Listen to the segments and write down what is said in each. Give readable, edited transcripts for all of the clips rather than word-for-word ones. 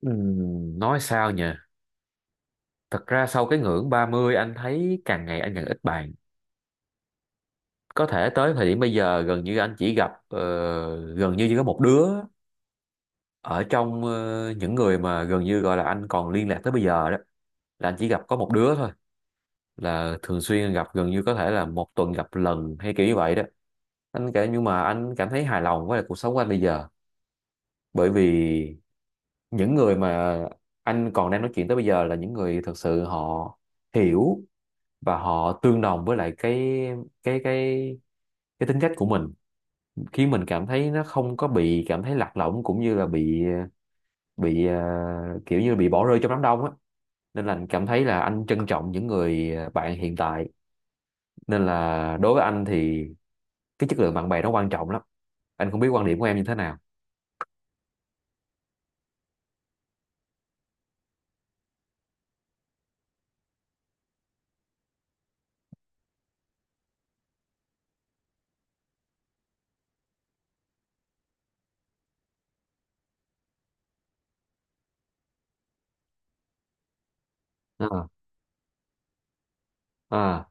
Nói sao nhỉ? Thật ra sau cái ngưỡng 30 anh thấy càng ngày anh càng ít bạn. Có thể tới thời điểm bây giờ gần như anh chỉ gặp gần như chỉ có một đứa ở trong những người mà gần như gọi là anh còn liên lạc tới bây giờ đó là anh chỉ gặp có một đứa thôi, là thường xuyên gặp gần như có thể là một tuần gặp lần hay kiểu như vậy đó. Anh kể nhưng mà anh cảm thấy hài lòng với lại cuộc sống của anh bây giờ, bởi vì những người mà anh còn đang nói chuyện tới bây giờ là những người thật sự họ hiểu và họ tương đồng với lại cái cái cái tính cách của mình, khiến mình cảm thấy nó không có bị cảm thấy lạc lõng cũng như là bị kiểu như bị bỏ rơi trong đám đông á, nên là anh cảm thấy là anh trân trọng những người bạn hiện tại. Nên là đối với anh thì cái chất lượng bạn bè nó quan trọng lắm. Anh không biết quan điểm của em như thế nào. À, à.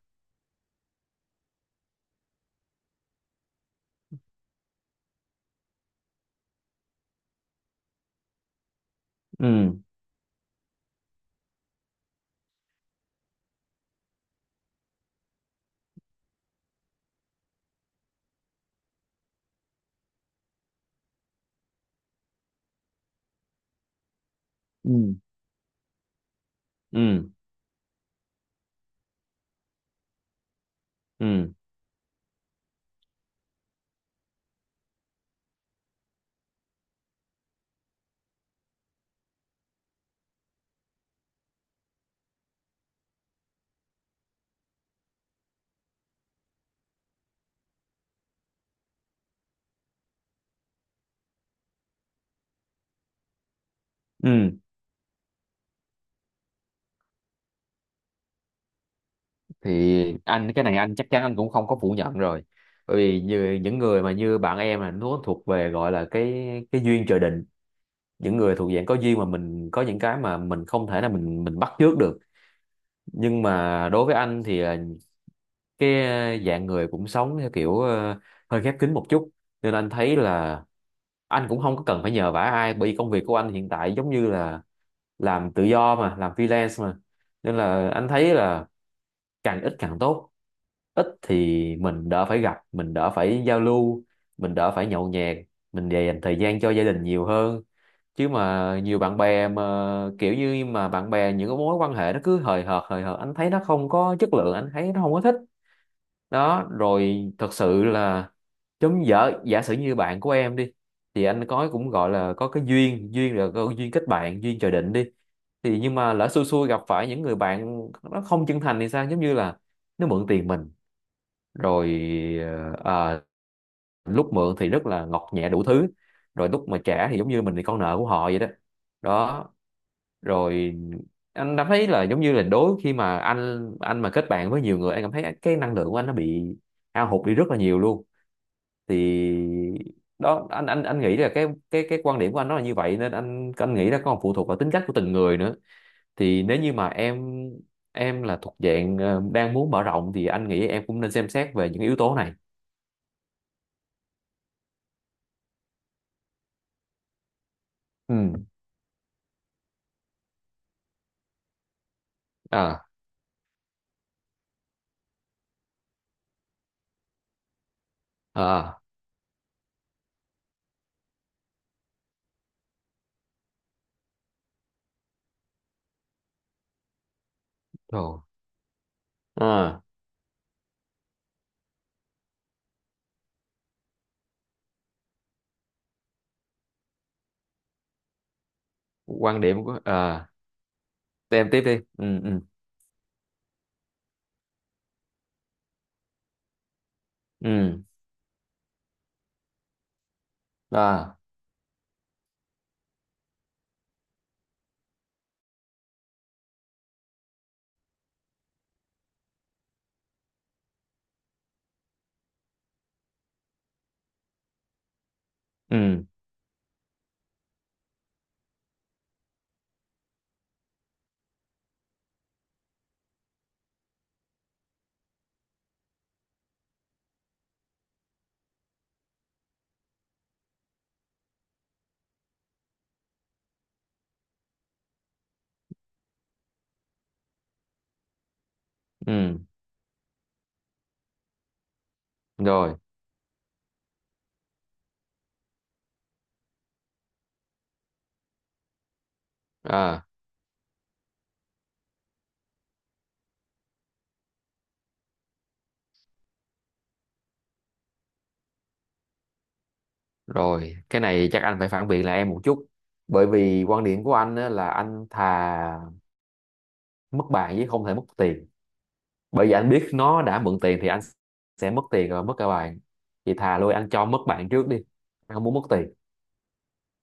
Ừ, ừ, ừ, ừ, ừ. Thì anh cái này anh chắc chắn anh cũng không có phủ nhận rồi, bởi vì như những người mà như bạn em là nó thuộc về gọi là cái duyên trời định. Những người thuộc dạng có duyên mà mình có những cái mà mình không thể là mình bắt chước được. Nhưng mà đối với anh thì là cái dạng người cũng sống theo kiểu hơi khép kín một chút, nên anh thấy là anh cũng không có cần phải nhờ vả ai, bởi vì công việc của anh hiện tại giống như là làm tự do mà, làm freelance mà, nên là anh thấy là càng ít càng tốt. Ít thì mình đỡ phải gặp, mình đỡ phải giao lưu, mình đỡ phải nhậu nhẹt, mình dành thời gian cho gia đình nhiều hơn, chứ mà nhiều bạn bè mà kiểu như mà bạn bè những cái mối quan hệ nó cứ hời hợt hời hợt, anh thấy nó không có chất lượng, anh thấy nó không có thích. Đó rồi thật sự là giống giả giả sử như bạn của em đi, thì anh có cũng gọi là có cái duyên, duyên là có duyên kết bạn, duyên trời định đi, thì nhưng mà lỡ xui xui gặp phải những người bạn nó không chân thành thì sao, giống như là nó mượn tiền mình rồi, ờ, à, lúc mượn thì rất là ngọt nhẹ đủ thứ, rồi lúc mà trả thì giống như mình là con nợ của họ vậy đó. Đó rồi anh cảm thấy là giống như là đối khi mà anh mà kết bạn với nhiều người, anh cảm thấy cái năng lượng của anh nó bị hao hụt đi rất là nhiều luôn. Thì đó anh nghĩ là cái quan điểm của anh nó là như vậy, nên anh nghĩ là còn phụ thuộc vào tính cách của từng người nữa. Thì nếu như mà em là thuộc dạng đang muốn mở rộng, thì anh nghĩ em cũng nên xem xét về những yếu tố này. Ừ. À. Ờ. Rồi. À, quan điểm của à, em tiếp đi. Ừ, ừ, ừ. À. Ừ, ừ. Rồi. À. Rồi. Cái này chắc anh phải phản biện lại em một chút, bởi vì quan điểm của anh á, là anh thà mất bài chứ không thể mất tiền, bởi vì anh biết nó đã mượn tiền thì anh sẽ mất tiền rồi mất cả bạn, thì thà lui anh cho mất bạn trước đi, anh không muốn mất tiền.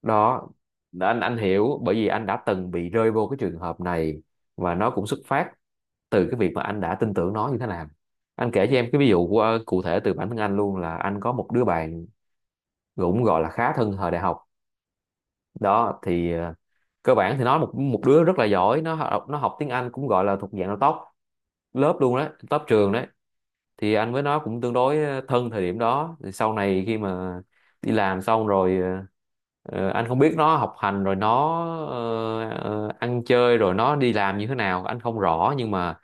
Đó anh hiểu, bởi vì anh đã từng bị rơi vô cái trường hợp này, và nó cũng xuất phát từ cái việc mà anh đã tin tưởng nó như thế nào. Anh kể cho em cái ví dụ của cụ thể từ bản thân anh luôn, là anh có một đứa bạn cũng gọi là khá thân thời đại học đó. Thì cơ bản thì nó một một đứa rất là giỏi, nó học tiếng Anh cũng gọi là thuộc dạng là top lớp luôn đấy, top trường đấy. Thì anh với nó cũng tương đối thân thời điểm đó. Thì sau này khi mà đi làm xong rồi, anh không biết nó học hành rồi nó ăn chơi rồi nó đi làm như thế nào anh không rõ, nhưng mà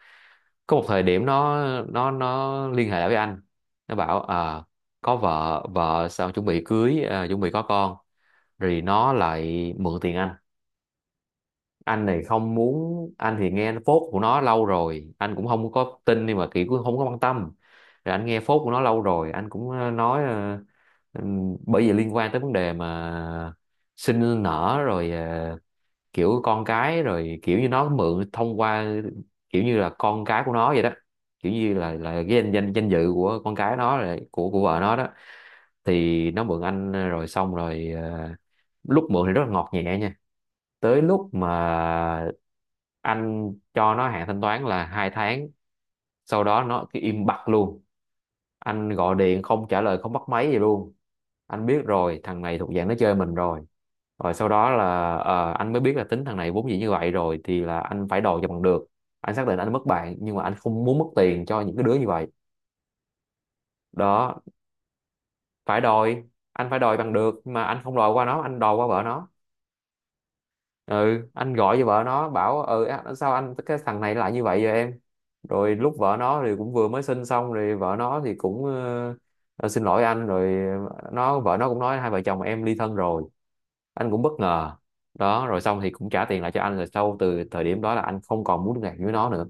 có một thời điểm nó nó liên hệ lại với anh. Nó bảo có vợ vợ sao chuẩn bị cưới, chuẩn bị có con", rồi nó lại mượn tiền anh. Anh này không muốn, anh thì nghe phốt của nó lâu rồi anh cũng không có tin nhưng mà kiểu cũng không có quan tâm. Rồi anh nghe phốt của nó lâu rồi anh cũng nói, bởi vì liên quan tới vấn đề mà sinh nở rồi kiểu con cái, rồi kiểu như nó mượn thông qua kiểu như là con cái của nó vậy đó, kiểu như là cái danh danh danh dự của con cái nó rồi của vợ nó đó. Thì nó mượn anh rồi xong rồi lúc mượn thì rất là ngọt nhẹ nha. Tới lúc mà anh cho nó hạn thanh toán là hai tháng, sau đó nó cứ im bặt luôn, anh gọi điện không trả lời không bắt máy gì luôn. Anh biết rồi thằng này thuộc dạng nó chơi mình rồi. Rồi sau đó là anh mới biết là tính thằng này vốn dĩ như vậy rồi, thì là anh phải đòi cho bằng được. Anh xác định anh mất bạn nhưng mà anh không muốn mất tiền cho những cái đứa như vậy. Đó phải đòi, anh phải đòi bằng được, nhưng mà anh không đòi qua nó, anh đòi qua vợ nó. Ừ anh gọi cho vợ nó bảo "Ừ á, sao anh cái thằng này lại như vậy vậy em". Rồi lúc vợ nó thì cũng vừa mới sinh xong, rồi vợ nó thì cũng "Ờ, xin lỗi anh", rồi nó vợ nó cũng nói hai vợ chồng em ly thân rồi. Anh cũng bất ngờ. Đó rồi xong thì cũng trả tiền lại cho anh, rồi sau từ thời điểm đó là anh không còn muốn liên lạc với nó nữa.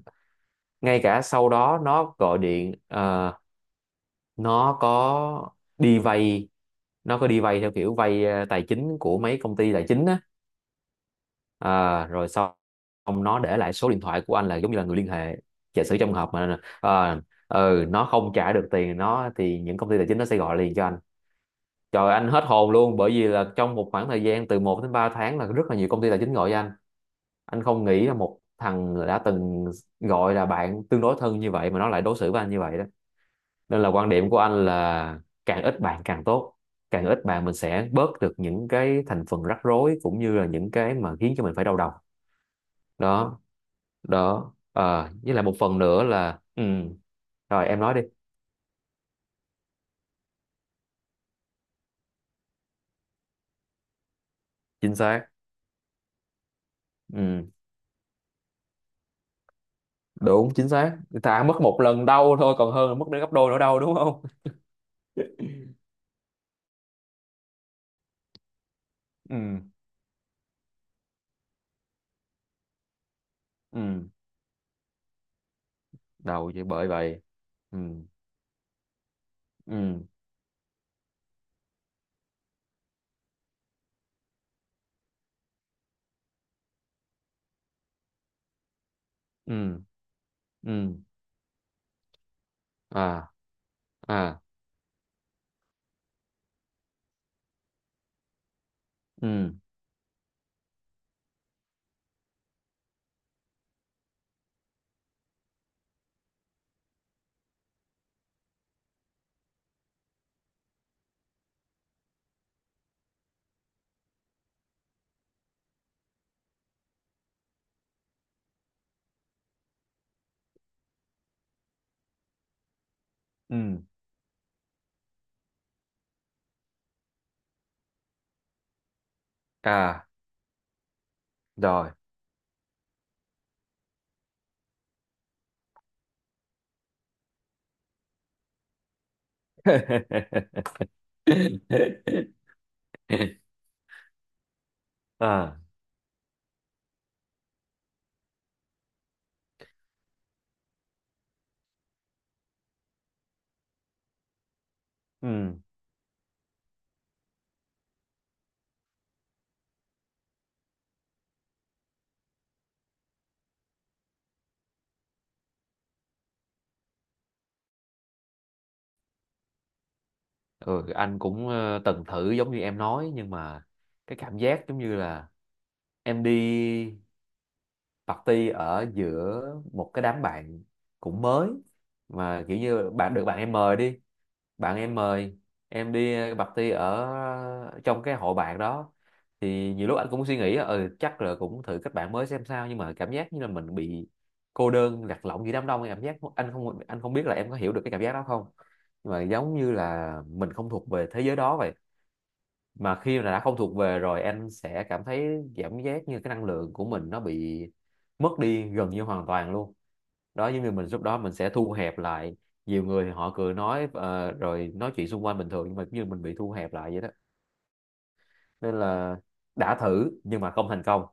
Ngay cả sau đó nó gọi điện, nó có đi vay, theo kiểu vay tài chính của mấy công ty tài chính á. À, rồi xong xong nó để lại số điện thoại của anh là giống như là người liên hệ, giả sử trong hợp mà, ừ, nó không trả được tiền nó thì những công ty tài chính nó sẽ gọi liền cho anh. Trời anh hết hồn luôn, bởi vì là trong một khoảng thời gian từ một đến 3 tháng là rất là nhiều công ty tài chính gọi cho Anh không nghĩ là một thằng đã từng gọi là bạn tương đối thân như vậy mà nó lại đối xử với anh như vậy đó. Nên là quan điểm của anh là càng ít bạn càng tốt, càng ít bạn mình sẽ bớt được những cái thành phần rắc rối cũng như là những cái mà khiến cho mình phải đau đầu. Đó. Đó à, với lại một phần nữa là ừ. Rồi em nói đi. Chính xác. Ừ. Đúng chính xác ta mất một lần đau thôi còn hơn là mất đến gấp đôi nữa đau đúng không? Ừ. Ừ. Đau chứ bởi vậy. Ừ. Ừ. Ừ. Ừ. À, à. Ừ. Ừ. À, rồi. À. Ừ. Ừ anh cũng từng thử giống như em nói, nhưng mà cái cảm giác giống như là em đi party ở giữa một cái đám bạn cũng mới, mà kiểu như bạn được bạn em mời đi, bạn em mời em đi party ở trong cái hội bạn đó, thì nhiều lúc anh cũng suy nghĩ ừ chắc là cũng thử kết bạn mới xem sao, nhưng mà cảm giác như là mình bị cô đơn lạc lõng giữa đám đông. Cảm giác anh không biết là em có hiểu được cái cảm giác đó không, nhưng mà giống như là mình không thuộc về thế giới đó vậy, mà khi mà đã không thuộc về rồi anh sẽ cảm thấy cảm giác như cái năng lượng của mình nó bị mất đi gần như hoàn toàn luôn. Đó giống như mình lúc đó mình sẽ thu hẹp lại, nhiều người thì họ cười nói rồi nói chuyện xung quanh bình thường, nhưng mà giống như mình bị thu hẹp lại vậy đó. Nên là đã thử nhưng mà không thành công.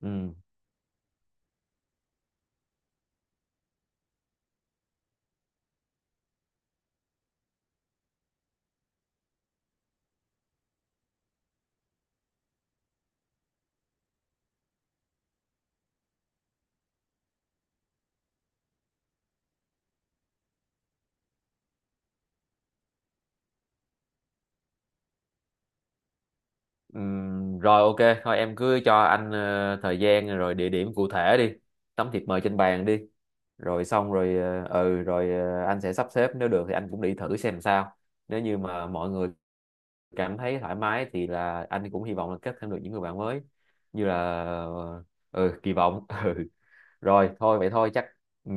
Ừ. Rồi ok, thôi em cứ cho anh thời gian rồi địa điểm cụ thể đi, tấm thiệp mời trên bàn đi, rồi xong rồi, ừ rồi anh sẽ sắp xếp nếu được thì anh cũng đi thử xem sao. Nếu như mà mọi người cảm thấy thoải mái thì là anh cũng hy vọng là kết thêm được những người bạn mới như là ờ, ừ kỳ vọng. Ừ. Rồi thôi vậy thôi chắc. Ừ.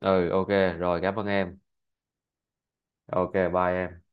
Ừ ok, rồi cảm ơn em. Ok bye em.